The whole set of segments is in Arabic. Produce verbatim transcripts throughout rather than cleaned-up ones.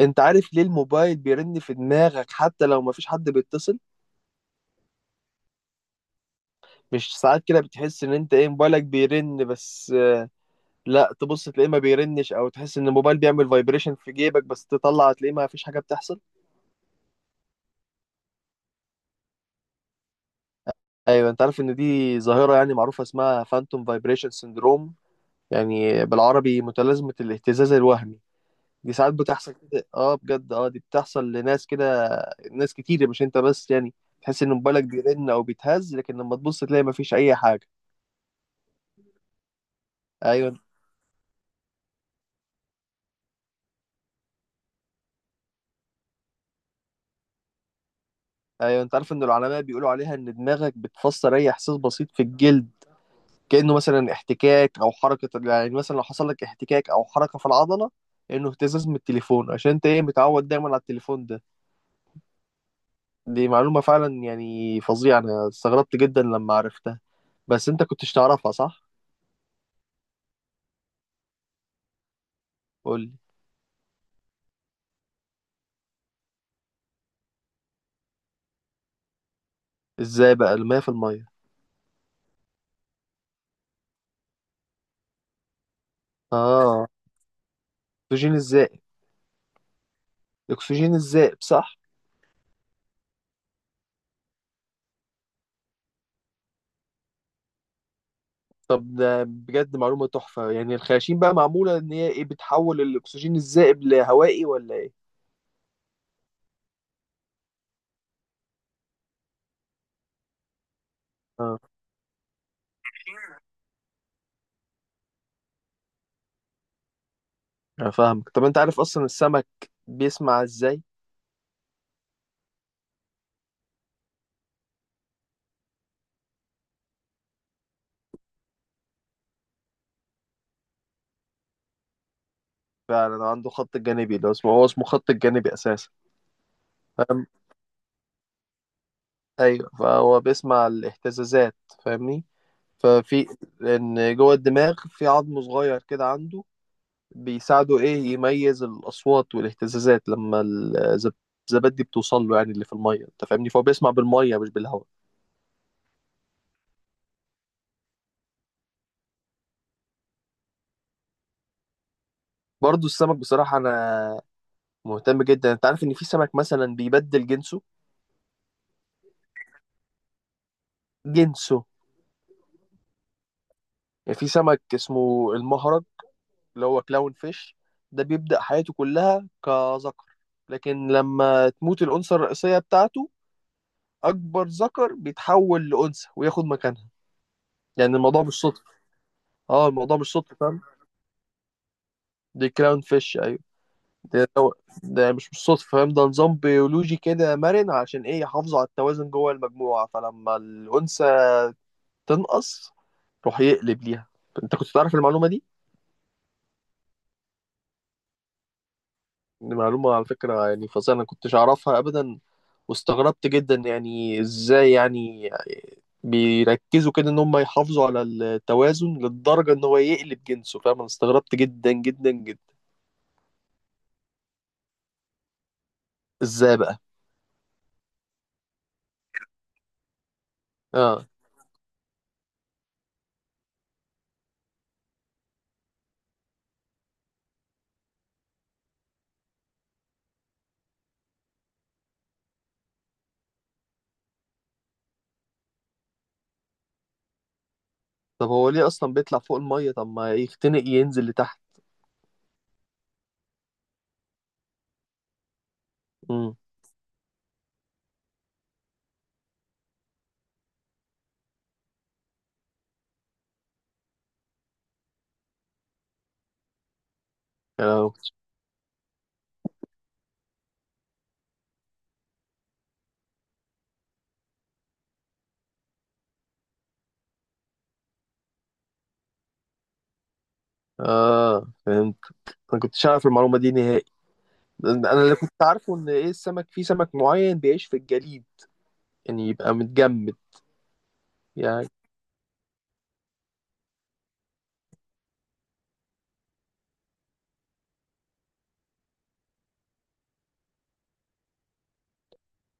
انت عارف ليه الموبايل بيرن في دماغك حتى لو مفيش حد بيتصل؟ مش ساعات كده بتحس ان انت ايه موبايلك بيرن بس آه، لا، تبص تلاقيه ما بيرنش او تحس ان الموبايل بيعمل فايبريشن في جيبك بس تطلع تلاقيه ما فيش حاجة بتحصل. ايوه، انت عارف ان دي ظاهرة يعني معروفة اسمها فانتوم فايبريشن سيندروم، يعني بالعربي متلازمة الاهتزاز الوهمي. دي ساعات بتحصل كده، اه بجد، اه دي بتحصل لناس كده. ناس كتير مش انت بس، يعني تحس ان موبايلك بيرن او بيتهز لكن لما تبص تلاقي مفيش اي حاجة. ايوه، ايوه، انت عارف ان العلماء بيقولوا عليها ان دماغك بتفسر اي احساس بسيط في الجلد، كانه مثلا احتكاك او حركه، يعني مثلا لو حصل لك احتكاك او حركه في العضله، انه اهتزاز من التليفون عشان انت ايه متعود دايما على التليفون ده. دي معلومه فعلا يعني فظيعه، انا استغربت جدا لما عرفتها. بس انت كنتش تعرفها، صح؟ قول لي. ازاي بقى؟ المية في المية. اه. اكسجين الزائب. اكسجين الزائب، صح؟ طب ده بجد معلومه تحفه، يعني الخياشيم بقى معموله ان هي ايه بتحول الاكسجين الزائب لهوائي ولا ايه؟ اه، انا فاهمك. طب انت عارف اصلا السمك بيسمع ازاي؟ فعلا عنده خط الجانبي، لو اسمه هو اسمه خط الجانبي اساسا. فاهم. ايوه، فهو بيسمع الاهتزازات، فاهمني. ففي، ان جوه الدماغ في عظم صغير كده عنده بيساعده ايه يميز الاصوات والاهتزازات لما الزب- الزبادي بتوصل له، يعني اللي في الميه، انت فاهمني، فهو بيسمع بالميه مش بالهواء. برضه السمك بصراحه انا مهتم جدا. انت عارف ان في سمك مثلا بيبدل جنسه؟ جنسه. يعني في سمك اسمه المهرج، اللي هو كلاون فيش، ده بيبدأ حياته كلها كذكر، لكن لما تموت الأنثى الرئيسية بتاعته، أكبر ذكر بيتحول لأنثى وياخد مكانها. يعني الموضوع مش صدفة. اه الموضوع مش صدفة، فاهم. دي كلاون فيش، أيوه. ده, ده ده مش مش صدفة، فاهم، ده نظام بيولوجي كده مرن عشان إيه يحافظوا على التوازن جوه المجموعة، فلما الأنثى تنقص، روح يقلب ليها. أنت كنت تعرف المعلومة دي؟ دي معلومة على فكرة يعني فظيعة، أنا كنتش أعرفها أبدا، واستغربت جدا، يعني إزاي يعني بيركزوا كده إن هم يحافظوا على التوازن للدرجة إن هو يقلب جنسه، فاهم، أنا استغربت جدا جدا جدا. إزاي بقى؟ آه. طب هو ليه أصلا بيطلع فوق المية؟ طب ما يختنق، ينزل لتحت. امم. آه. آه، فهمت. أنا كنتش أعرف المعلومة دي نهائي. أنا اللي كنت عارفه إن إيه السمك، في سمك معين بيعيش في الجليد، يعني يبقى متجمد. يعني،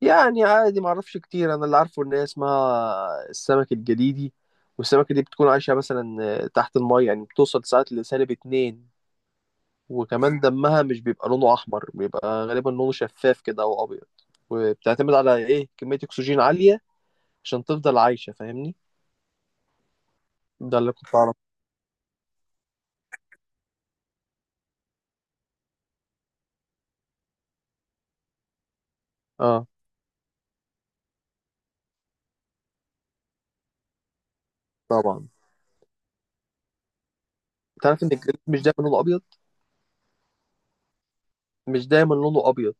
يعني عادي، ما اعرفش كتير. انا اللي عارفه ان هي اسمها السمك الجليدي، والسمكه دي بتكون عايشه مثلا تحت الماء، يعني بتوصل ساعات لسالب اتنين. وكمان دمها مش بيبقى لونه احمر، بيبقى غالبا لونه شفاف كده او ابيض، وبتعتمد على ايه كميه اكسجين عاليه عشان تفضل عايشه، فاهمني. ده اللي كنت اعرفه. اه، طبعا. تعرف ان الجليد مش دايما لونه ابيض؟ مش دايما لونه ابيض.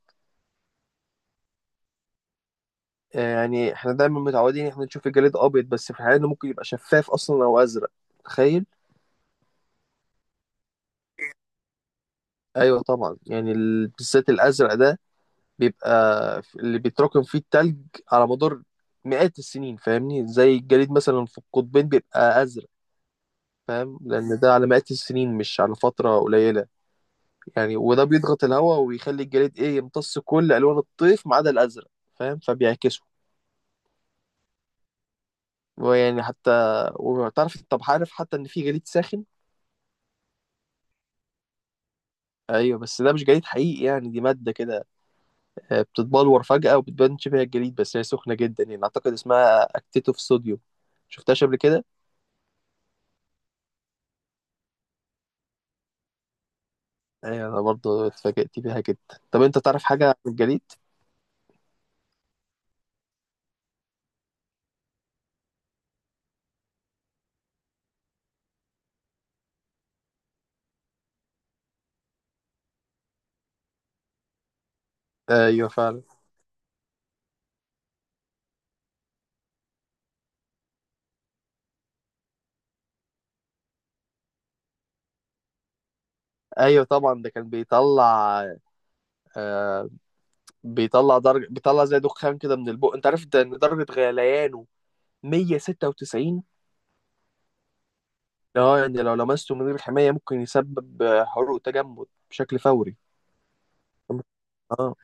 آه، يعني احنا دايما متعودين احنا نشوف الجليد ابيض، بس في الحقيقه انه ممكن يبقى شفاف اصلا او ازرق. تخيل. ايوه طبعا، يعني ال- بالذات الازرق ده بيبقى، ف- اللي بيتراكم فيه التلج على مدار مئات السنين، فاهمني، زي الجليد مثلا في القطبين بيبقى ازرق. فاهم، لان ده على مئات السنين مش على فتره قليله. يعني وده بيضغط الهواء ويخلي الجليد ايه يمتص كل الوان الطيف ما عدا الازرق، فاهم، فبيعكسه. ويعني حتى، وتعرف؟ طب عارف حتى ان في جليد ساخن؟ ايوه، بس ده مش جليد حقيقي، يعني دي ماده كده آه، بتتبلور فجأة وبتبان شبه الجليد، بس هي سخنة جدا، يعني أعتقد اسمها أكتيتوف صوديوم. شفتهاش قبل كده؟ أيوة، أنا برضه اتفاجأت بيها جدا. طب أنت تعرف حاجة عن الجليد؟ أيوة فعلا. أيوة طبعا ده كان بيطلع، آه بيطلع درجة، بيطلع زي دخان كده من البق، أنت عارف ده، إن درجة غليانه مية وستة وتسعين. اه، يعني لو لمسته من غير حماية ممكن يسبب آه، حروق تجمد بشكل فوري. اه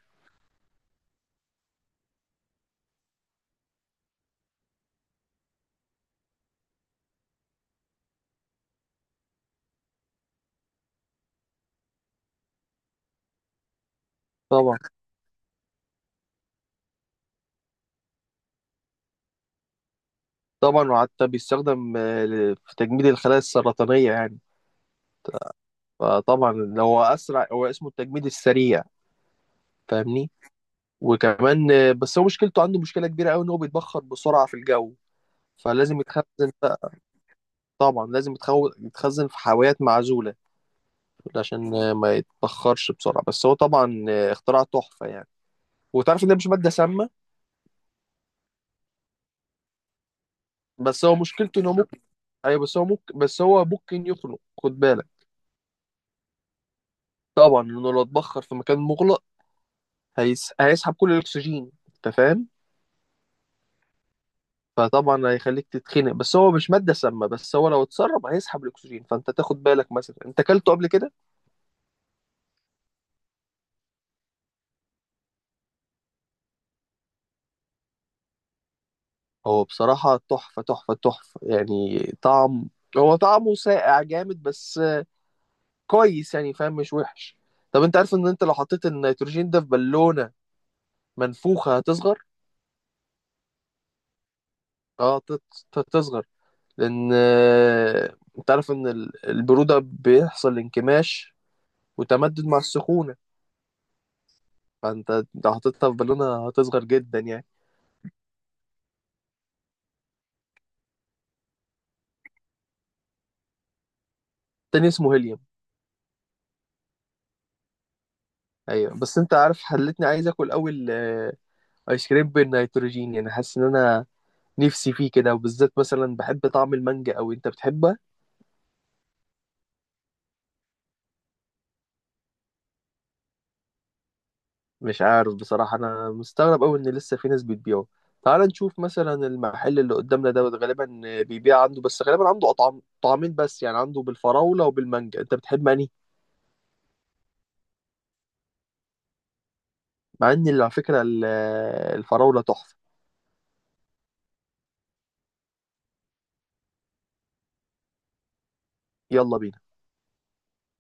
طبعا. طبعا، وحتى بيستخدم آه، في تجميد الخلايا السرطانية، يعني فطبعا هو اسرع، هو اسمه التجميد السريع، فاهمني. وكمان آه، بس هو مشكلته عنده مشكله كبيره قوي ان هو بيتبخر بسرعه في الجو، فلازم يتخزن بقى. طبعا لازم يتخو... يتخزن في حاويات معزوله عشان آه، ما يتبخرش بسرعه، بس هو طبعا آه، اختراع تحفه يعني. وتعرف ان ده مش ماده سامه؟ بس هو مشكلته انه ممكن. ايوه، بس هو ممكن بس هو ممكن يخنق، خد بالك. طبعا، لانه لو اتبخر في مكان مغلق هيس... هيسحب كل الاكسجين، انت فاهم. فطبعا هيخليك تتخنق، بس هو مش ماده سامه، بس هو لو اتسرب هيسحب الاكسجين، فانت تاخد بالك. مثلا انت اكلته قبل كده؟ هو بصراحه تحفه تحفه تحفه، يعني طعم، هو طعمه ساقع جامد، بس كويس يعني، فاهم، مش وحش. طب انت عارف ان انت لو حطيت النيتروجين ده في بالونه منفوخه هتصغر؟ اه، تت- هتصغر، لان آه، انت عارف ان ال- البروده بيحصل انكماش وتمدد مع السخونه، فانت لو حطيتها في بالونه هتصغر جدا يعني. تاني اسمه هيليوم. ايوه. بس انت عارف خلتني عايز اكل اول آه، ايس كريم بالنيتروجين، يعني حاسس ان انا نفسي فيه كده، وبالذات مثلا بحب طعم المانجا، او انت بتحبها؟ مش عارف بصراحه، انا مستغرب قوي ان لسه في ناس بتبيعه. تعال نشوف مثلا المحل اللي قدامنا دوت غالبا آه، بيبيع عنده، بس غالبا عنده اطعم طعمين بس، يعني عنده بالفراوله وبالمانجا، انت بتحب انهي؟ مع ان على فكره ال- آه، الفراوله تحفه. يلا بينا.